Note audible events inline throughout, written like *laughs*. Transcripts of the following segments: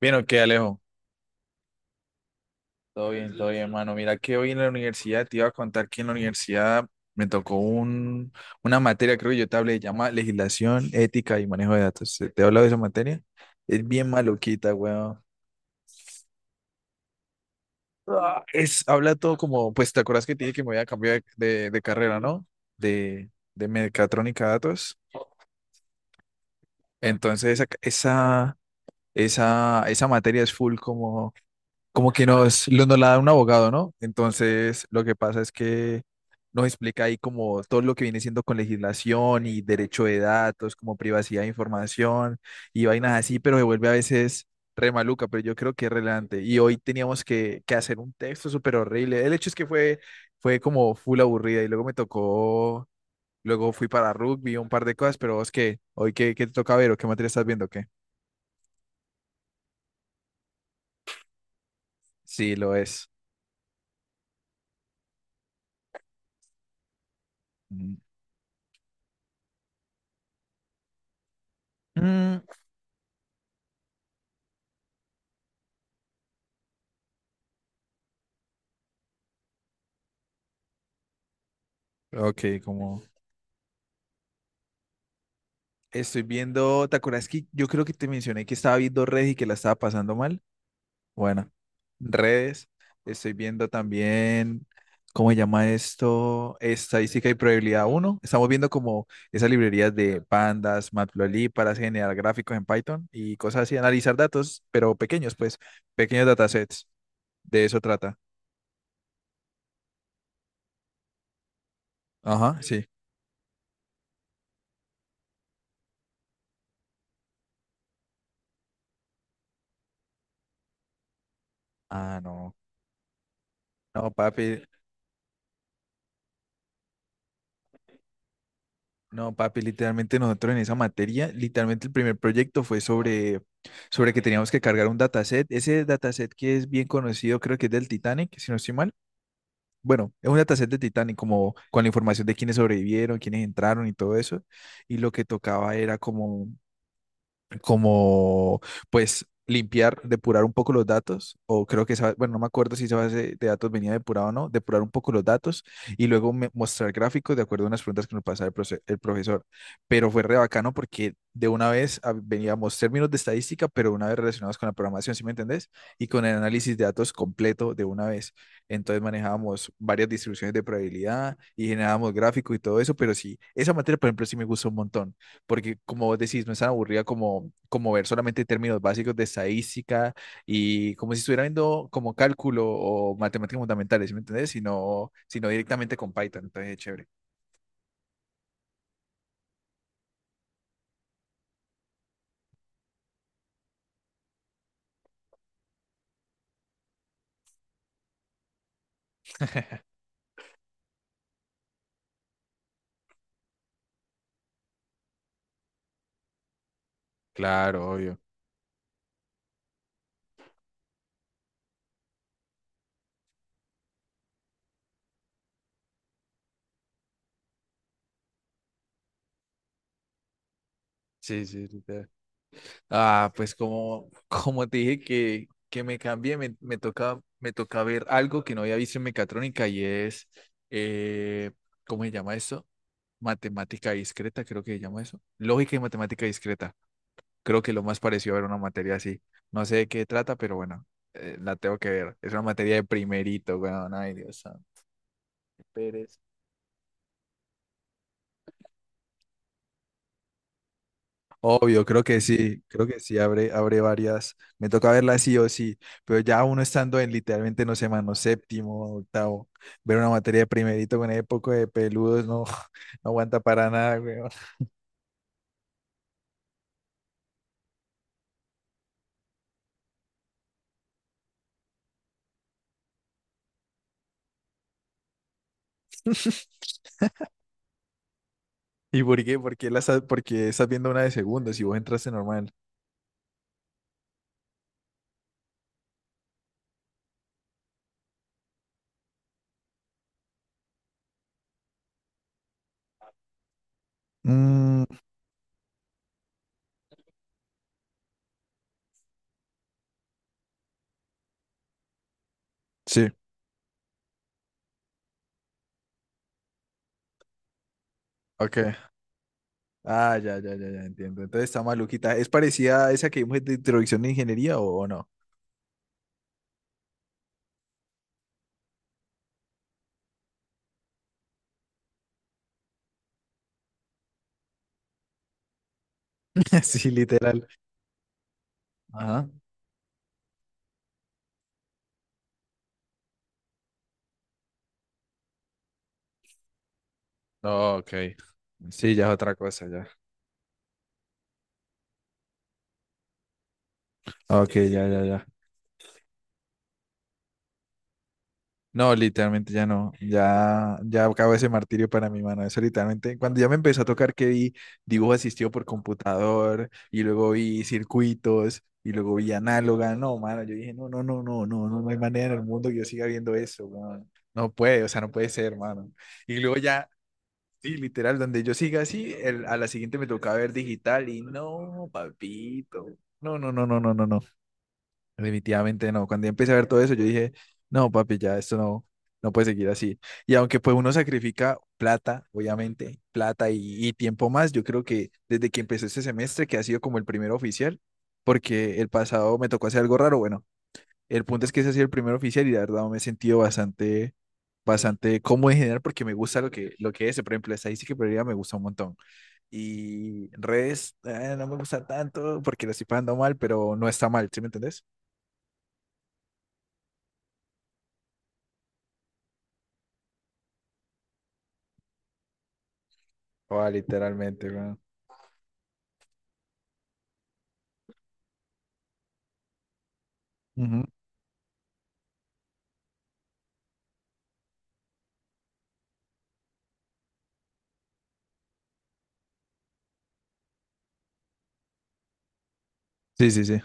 Bien, ok, Alejo. Todo bien, hermano. Mira que hoy en la universidad te iba a contar que en la universidad me tocó una materia, creo que yo te hablé, llama Legislación, Ética y Manejo de Datos. ¿Te he hablado de esa materia? Es bien maluquita, weón. Habla todo como, pues, ¿te acuerdas que te dije que me voy a cambiar de carrera, ¿no? De mecatrónica a datos. Entonces, esa materia es full como nos la da un abogado, ¿no? Entonces, lo que pasa es que nos explica ahí como todo lo que viene siendo con legislación y derecho de datos, como privacidad de información y vainas así, pero se vuelve a veces re maluca, pero yo creo que es relevante. Y hoy teníamos que hacer un texto súper horrible. El hecho es que fue como full aburrida y luego luego fui para rugby, un par de cosas, pero es que hoy qué te toca ver o qué materia estás viendo, o ¿qué? Sí, lo es. Mm, mm, ok, como... Estoy viendo, ¿te acuerdas que yo creo que te mencioné que estaba viendo redes y que la estaba pasando mal? Bueno, redes. Estoy viendo también, ¿cómo se llama esto? Estadística y probabilidad uno. Estamos viendo como esas librerías de pandas, matplotlib para generar gráficos en Python y cosas así, analizar datos, pero pequeños, pues, pequeños datasets. De eso trata. Ajá, sí. Ah, no. No, papi, No, papi, literalmente nosotros en esa materia, literalmente el primer proyecto fue sobre que teníamos que cargar un dataset. Ese dataset que es bien conocido, creo que es del Titanic, si no estoy mal. Bueno, es un dataset del Titanic, como con la información de quiénes sobrevivieron, quiénes entraron y todo eso. Y lo que tocaba era como pues limpiar, depurar un poco los datos, o creo que esa, bueno, no me acuerdo si esa base de datos venía depurada o no, depurar un poco los datos y luego mostrar gráficos de acuerdo a unas preguntas que nos pasaba el profesor. Pero fue re bacano porque de una vez veníamos términos de estadística, pero una vez relacionados con la programación, ¿sí me entendés? Y con el análisis de datos completo de una vez. Entonces manejábamos varias distribuciones de probabilidad y generábamos gráficos y todo eso, pero sí, esa materia, por ejemplo, sí me gustó un montón porque como vos decís, no es tan aburrida como ver solamente términos básicos de estadística y como si estuviera viendo como cálculo o matemáticas fundamentales, ¿sí me entendés? Sino directamente con Python, entonces es chévere. Claro, obvio. Sí, sí, literal. Ah, pues como, *laughs* como te dije que me cambié, me toca ver algo que no había visto en mecatrónica y es, eh, ¿cómo se llama eso? Matemática discreta, creo que se llama eso. Lógica y matemática discreta. Creo que lo más parecido a ver una materia así. No sé de qué trata, pero bueno, la tengo que ver. Es una materia de primerito, weón. Ay, Dios santo. Qué pereza. Obvio, creo que sí, abre varias. Me toca verla sí o sí, pero ya uno estando en literalmente, no sé, mano, séptimo, octavo, ver una materia de primerito con ese poco de peludos, no, *laughs* no aguanta para nada, weón. *laughs* ¿Y por qué? ¿Por qué la estás, porque estás viendo una de segundo si vos entraste normal? Mm, sí, ok. Ah, ya, ya, ya, ya, entiendo. Entonces está maluquita. ¿Es parecida a esa que vimos de introducción de ingeniería o no? *laughs* Sí, literal. Ajá. Oh, ok. Sí, ya es otra cosa, ya. Ok, ya, ya, ya. No, literalmente ya no. Ya, ya acabó ese martirio para mi mano. Eso literalmente, cuando ya me empezó a tocar que vi dibujo asistido por computador y luego vi circuitos y luego vi análoga. No, mano, yo dije, no, no, no, no, no, no, no hay manera en el mundo que yo siga viendo eso, weón. No puede, o sea, no puede ser, mano. Y luego ya sí, literal, donde yo siga así, a la siguiente me toca ver digital y no, papito. No, no, no, no, no, no, no. Definitivamente no. Cuando ya empecé a ver todo eso, yo dije, no, papi, ya esto no, no puede seguir así. Y aunque pues uno sacrifica plata, obviamente, plata y tiempo más, yo creo que desde que empezó este semestre, que ha sido como el primero oficial, porque el pasado me tocó hacer algo raro, bueno. El punto es que ese ha sido el primer oficial y la verdad me he sentido bastante cómodo en general porque me gusta lo que es. Por ejemplo, estadística y probabilidad me gusta un montón. Y redes no me gusta tanto porque lo estoy pagando mal, pero no está mal, ¿sí me entendés? Oh, literalmente, weón. Ujú. Sí, sí, sí.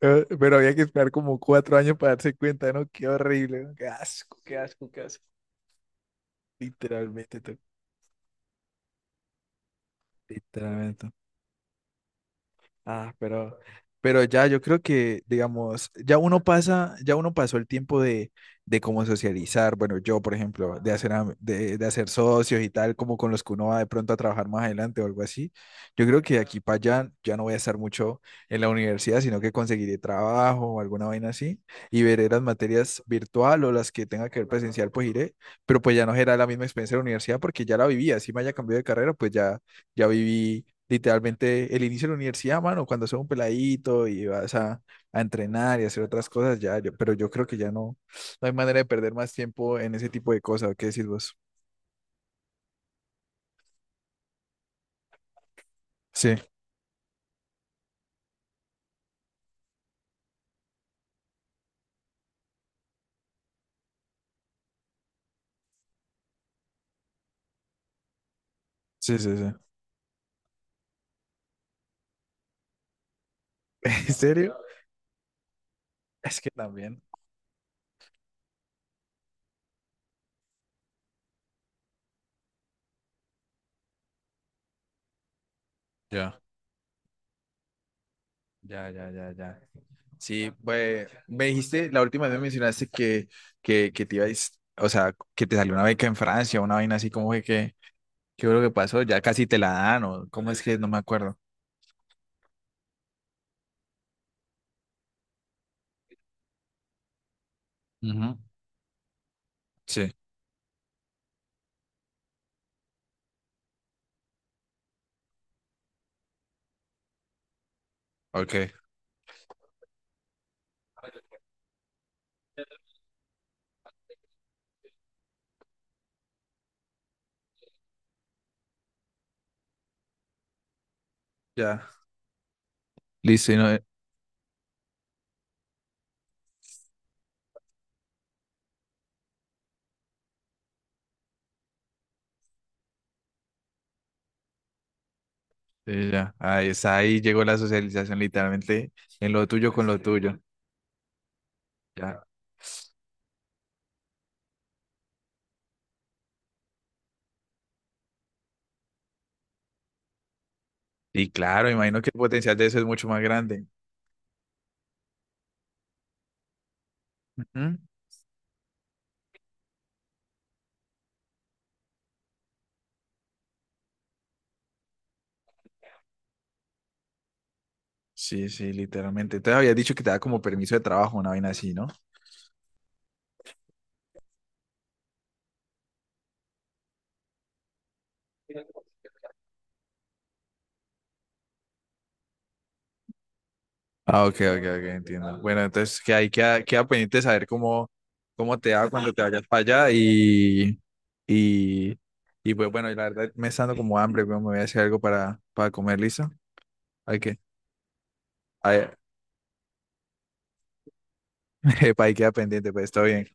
Pero había que esperar como cuatro años para darse cuenta, ¿no? Qué horrible, ¿no? Qué asco, qué asco, qué asco. Literalmente, tú. Literalmente. Ah, pero, pero ya yo creo que, digamos, ya uno pasa, ya uno pasó el tiempo de cómo socializar. Bueno, yo, por ejemplo, de hacer, de hacer socios y tal, como con los que uno va de pronto a trabajar más adelante o algo así. Yo creo que de aquí para allá ya no voy a estar mucho en la universidad, sino que conseguiré trabajo o alguna vaina así y veré las materias virtual o las que tenga que ver presencial, pues iré. Pero pues ya no será la misma experiencia de la universidad porque ya la viví. Así me haya cambiado de carrera, pues ya, ya viví literalmente el inicio de la universidad, mano, cuando sos un peladito y vas a entrenar y hacer otras cosas, ya, pero yo creo que ya no, no hay manera de perder más tiempo en ese tipo de cosas, ¿qué decís vos? Sí, sí, sí, sí. *laughs* ¿En serio? Es que también. Ya, ya, ya, ya, ya. Sí, pues me dijiste, la última vez me mencionaste que te ibas o sea, que te salió una beca en Francia, una vaina así como ¿qué fue lo que pasó? Ya casi te la dan, o cómo es que no me acuerdo. Ujú. Sí, ok. Ya. Listo, y no, sí, ya. Ahí, está, ahí llegó la socialización literalmente en lo tuyo con lo tuyo. Ya. Y claro, imagino que el potencial de eso es mucho más grande. Ujú. Sí, sí, literalmente. Entonces habías dicho que te da como permiso de trabajo, una vaina así, ¿no? Ah, ok, ok, ok, entiendo. Bueno, entonces que ahí queda, queda pendiente saber cómo, cómo te va cuando te vayas para allá y, y pues bueno, la verdad me está dando como hambre, pero me voy a hacer algo para comer, ¿listo? Hay que, ahí, *laughs* epa, ahí queda pendiente, pues está bien.